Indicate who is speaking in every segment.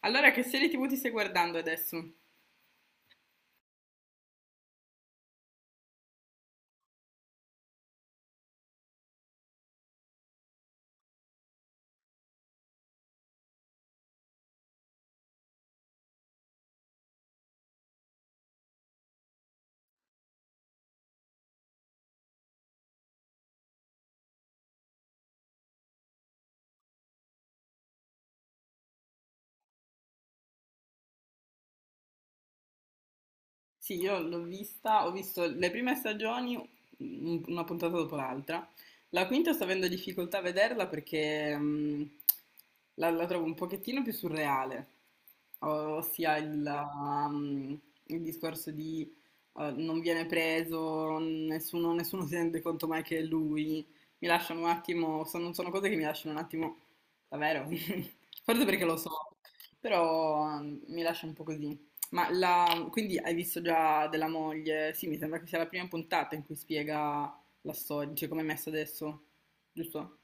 Speaker 1: Allora che serie tv ti stai guardando adesso? Sì, io l'ho vista, ho visto le prime stagioni, una puntata dopo l'altra. La quinta sto avendo difficoltà a vederla perché la trovo un pochettino più surreale, ossia il, um, il discorso di non viene preso, nessuno si rende conto mai che è lui. Mi lasciano un attimo, sono cose che mi lasciano un attimo, davvero, forse perché lo so, però mi lascia un po' così. Ma la- quindi hai visto già della moglie? Sì, mi sembra che sia la prima puntata in cui spiega la storia, cioè come è messa adesso, giusto?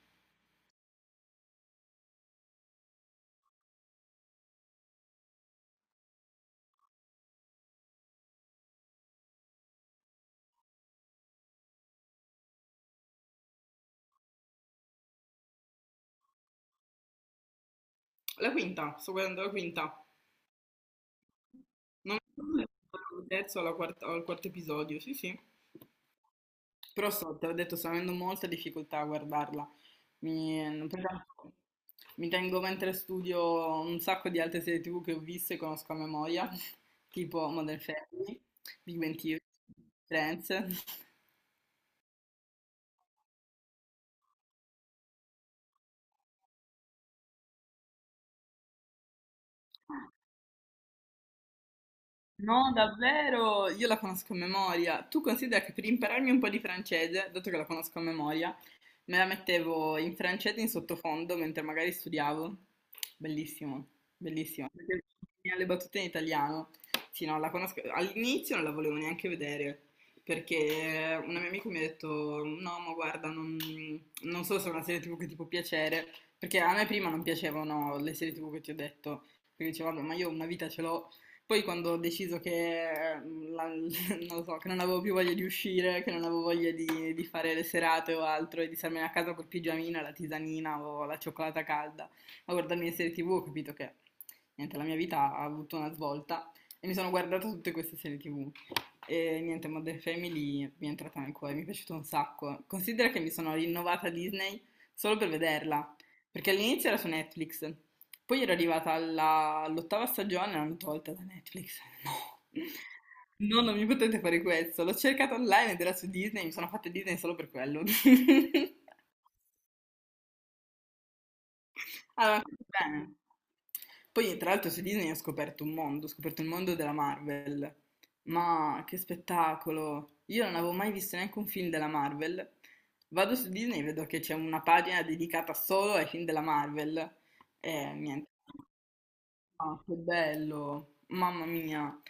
Speaker 1: La quinta, sto guardando la quinta. Non so se è il terzo o la quarta- o il quarto episodio, sì, sì. Però so, te l'ho detto, sto avendo molta difficoltà a guardarla. Mi, per esempio, mi tengo mentre studio un sacco di altre serie TV che ho visto e conosco a memoria, tipo Modern Family, Big Bang Theory, Friends. No, davvero, io la conosco a memoria. Tu considera che per impararmi un po' di francese, dato che la conosco a memoria, me la mettevo in francese in sottofondo mentre magari studiavo. Bellissimo, bellissimo. Perché le battute in italiano. Sì, no, la conosco. All'inizio non la volevo neanche vedere. Perché un mio amico mi ha detto: "No, ma guarda, non, non so se è una serie TV che ti può piacere." Perché a me prima non piacevano le serie TV che ti ho detto. Perché dicevo, "Vabbè, ma io una vita ce l'ho." Poi quando ho deciso che non lo so, che non avevo più voglia di uscire, che non avevo voglia di fare le serate o altro e di starmene a casa col pigiamino, la tisanina o la cioccolata calda a guardarmi le serie tv, ho capito che niente, la mia vita ha avuto una svolta e mi sono guardata tutte queste serie tv. E niente, Modern Family mi è entrata nel cuore, mi è piaciuto un sacco. Considera che mi sono rinnovata Disney solo per vederla, perché all'inizio era su Netflix, poi era arrivata all'ottava stagione e l'hanno tolta da Netflix. No. No, non mi potete fare questo. L'ho cercata online ed era su Disney, mi sono fatta Disney solo per quello. Allora, bene. Poi, tra l'altro, su Disney ho scoperto un mondo, ho scoperto il mondo della Marvel. Ma che spettacolo! Io non avevo mai visto neanche un film della Marvel. Vado su Disney e vedo che c'è una pagina dedicata solo ai film della Marvel. E niente. Ah, che bello, mamma mia.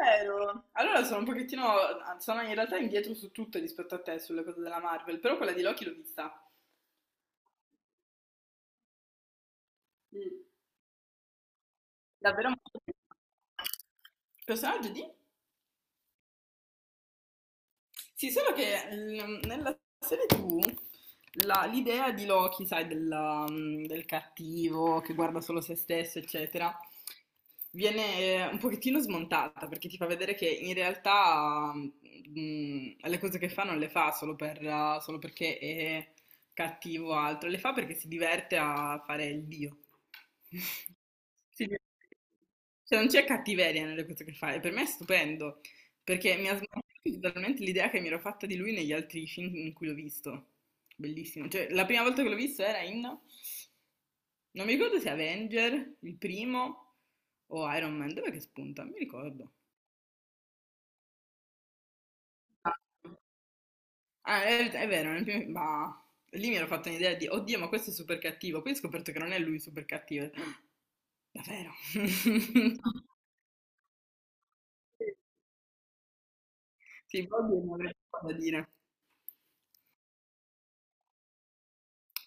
Speaker 1: Vero. Allora sono un pochettino, sono in realtà indietro su tutto rispetto a te sulle cose della Marvel, però quella di Loki l'ho vista. Mm. Davvero molto bella. Personaggio di? Sì, solo che nella serie TV l'idea di Loki, sai, del cattivo che guarda solo se stesso, eccetera, viene un pochettino smontata perché ti fa vedere che in realtà le cose che fa non le fa solo per, solo perché è cattivo o altro, le fa perché si diverte a fare il dio. Sì. Cioè, non c'è cattiveria nelle cose che fa, e per me è stupendo. Perché mi ha smarrito totalmente l'idea che mi ero fatta di lui negli altri film in cui l'ho visto. Bellissimo. Cioè, la prima volta che l'ho visto era in... Non mi ricordo se Avenger, il primo, o Iron Man. Dov'è che spunta? Non mi ricordo. Ah. Ah, è vero, nel primo... Ma... Lì mi ero fatta un'idea di, oddio, ma questo è super cattivo. Poi ho scoperto che non è lui super cattivo. Davvero? Sì, Bobby non avrebbe cosa da dire.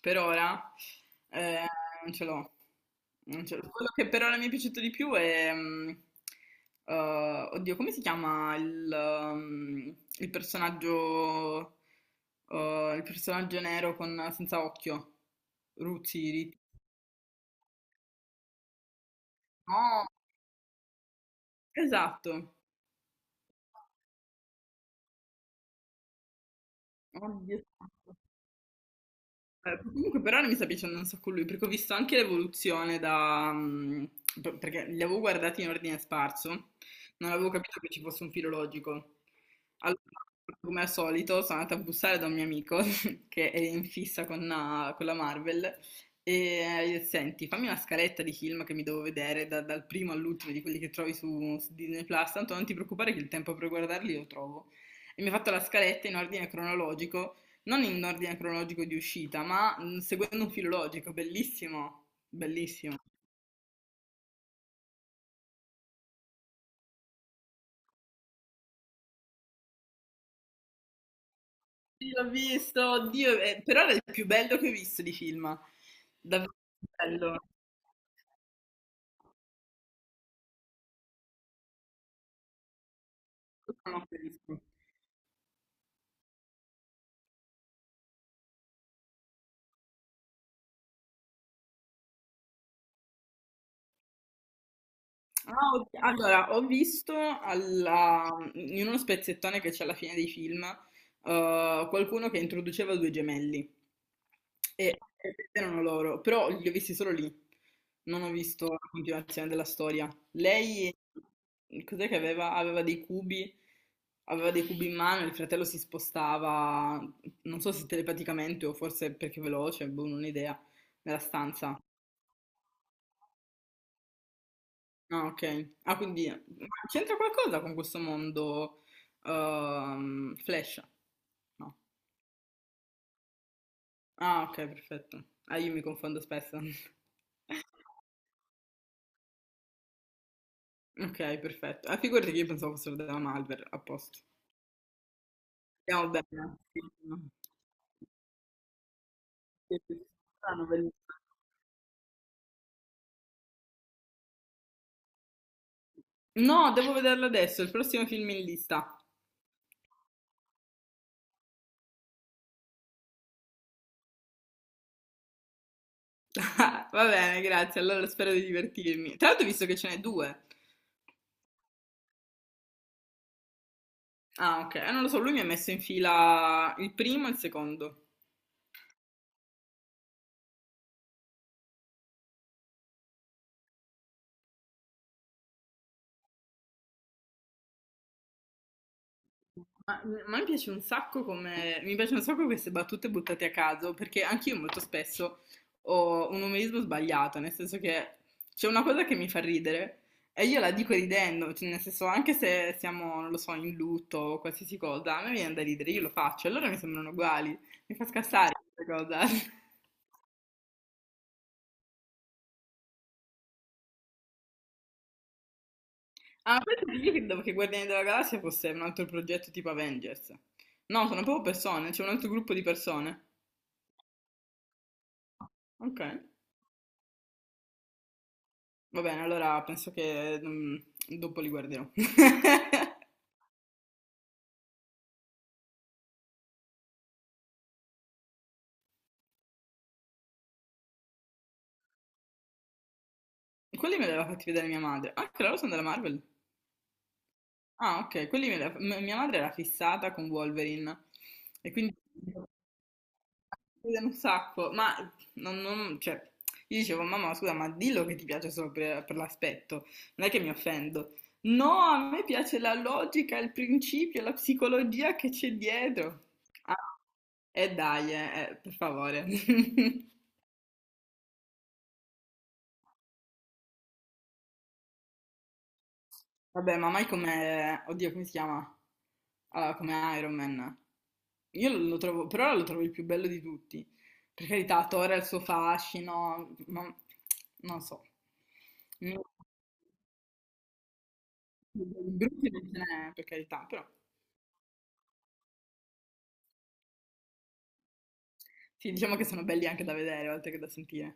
Speaker 1: Per ora eh, non ce l'ho. Non ce l'ho. Quello che per ora mi è piaciuto di più è... oddio, come si chiama il personaggio... il personaggio nero con, senza occhio? Ruzi, Riti. No, esatto. Oddio. Esatto. Comunque per ora mi sta piacendo un sacco lui, perché ho visto anche l'evoluzione da... perché li avevo guardati in ordine sparso, non avevo capito che ci fosse un filologico. Allora, come al solito, sono andata a bussare da un mio amico che è in fissa con la Marvel e gli ho detto, senti, fammi una scaletta di film che mi devo vedere dal primo all'ultimo di quelli che trovi su Disney Plus, tanto non ti preoccupare che il tempo per guardarli lo trovo. E mi ha fatto la scaletta in ordine cronologico, non in ordine cronologico di uscita, ma seguendo un filologico, bellissimo, bellissimo. Sì, l'ho visto, oddio, però era il più bello che ho visto di film, davvero bello. Non ho visto. Ah, ok. Allora, ho visto in uno spezzettone che c'è alla fine dei film, qualcuno che introduceva due gemelli e erano loro, però li ho visti solo lì, non ho visto la continuazione della storia. Lei, cos'è che aveva? Aveva dei cubi in mano, il fratello si spostava, non so se telepaticamente o forse perché è veloce, boh, non ho idea, nella stanza. Ah, ok. Ah, quindi ma c'entra qualcosa con questo mondo, Flash? No. Ah, ok, perfetto. Ah, io mi confondo spesso. Ok, perfetto. Ah, figurati che io pensavo fossero della Malware, a posto. Andiamo bene. Sì, no. Sì, sì, sì. Strano, bellissimo. No, devo vederlo adesso, il prossimo film in lista. Va bene, grazie, allora spero di divertirmi. Tra l'altro ho visto che ce n'è due. Ah, ok. Non lo so, lui mi ha messo in fila il primo e il secondo. Ma, ma mi piace un sacco come, mi piacciono un sacco queste battute buttate a caso, perché anch'io molto spesso ho un umorismo sbagliato, nel senso che c'è una cosa che mi fa ridere e io la dico ridendo, cioè, nel senso anche se siamo, non lo so, in lutto o qualsiasi cosa, a me viene da ridere, io lo faccio, allora mi sembrano uguali, mi fa scassare questa cosa. Ah, ma penso che io credevo che Guardiani della Galassia fosse un altro progetto tipo Avengers. No, sono proprio persone, c'è un altro gruppo di persone. Ok. Va bene, allora penso che dopo li guarderò. Quelli me li aveva fatti vedere mia madre. Ah, che loro sono della Marvel. Ah, ok, quelli me li aveva- mia madre era fissata con Wolverine e quindi li vedono un sacco, ma cioè, io dicevo, mamma, scusa, ma dillo che ti piace solo per l'aspetto, non è che mi offendo. No, a me piace la logica, il principio, la psicologia che c'è dietro. Ah, e dai, per favore. Vabbè, ma mai come... Oddio, come si chiama? Allora, come Iron Man. Io lo trovo, per ora lo trovo il più bello di tutti. Per carità, Thor ha il suo fascino, ma non so. Mi- Brutti non ce n'è, per carità, però. Sì, diciamo che sono belli anche da vedere, oltre che da sentire.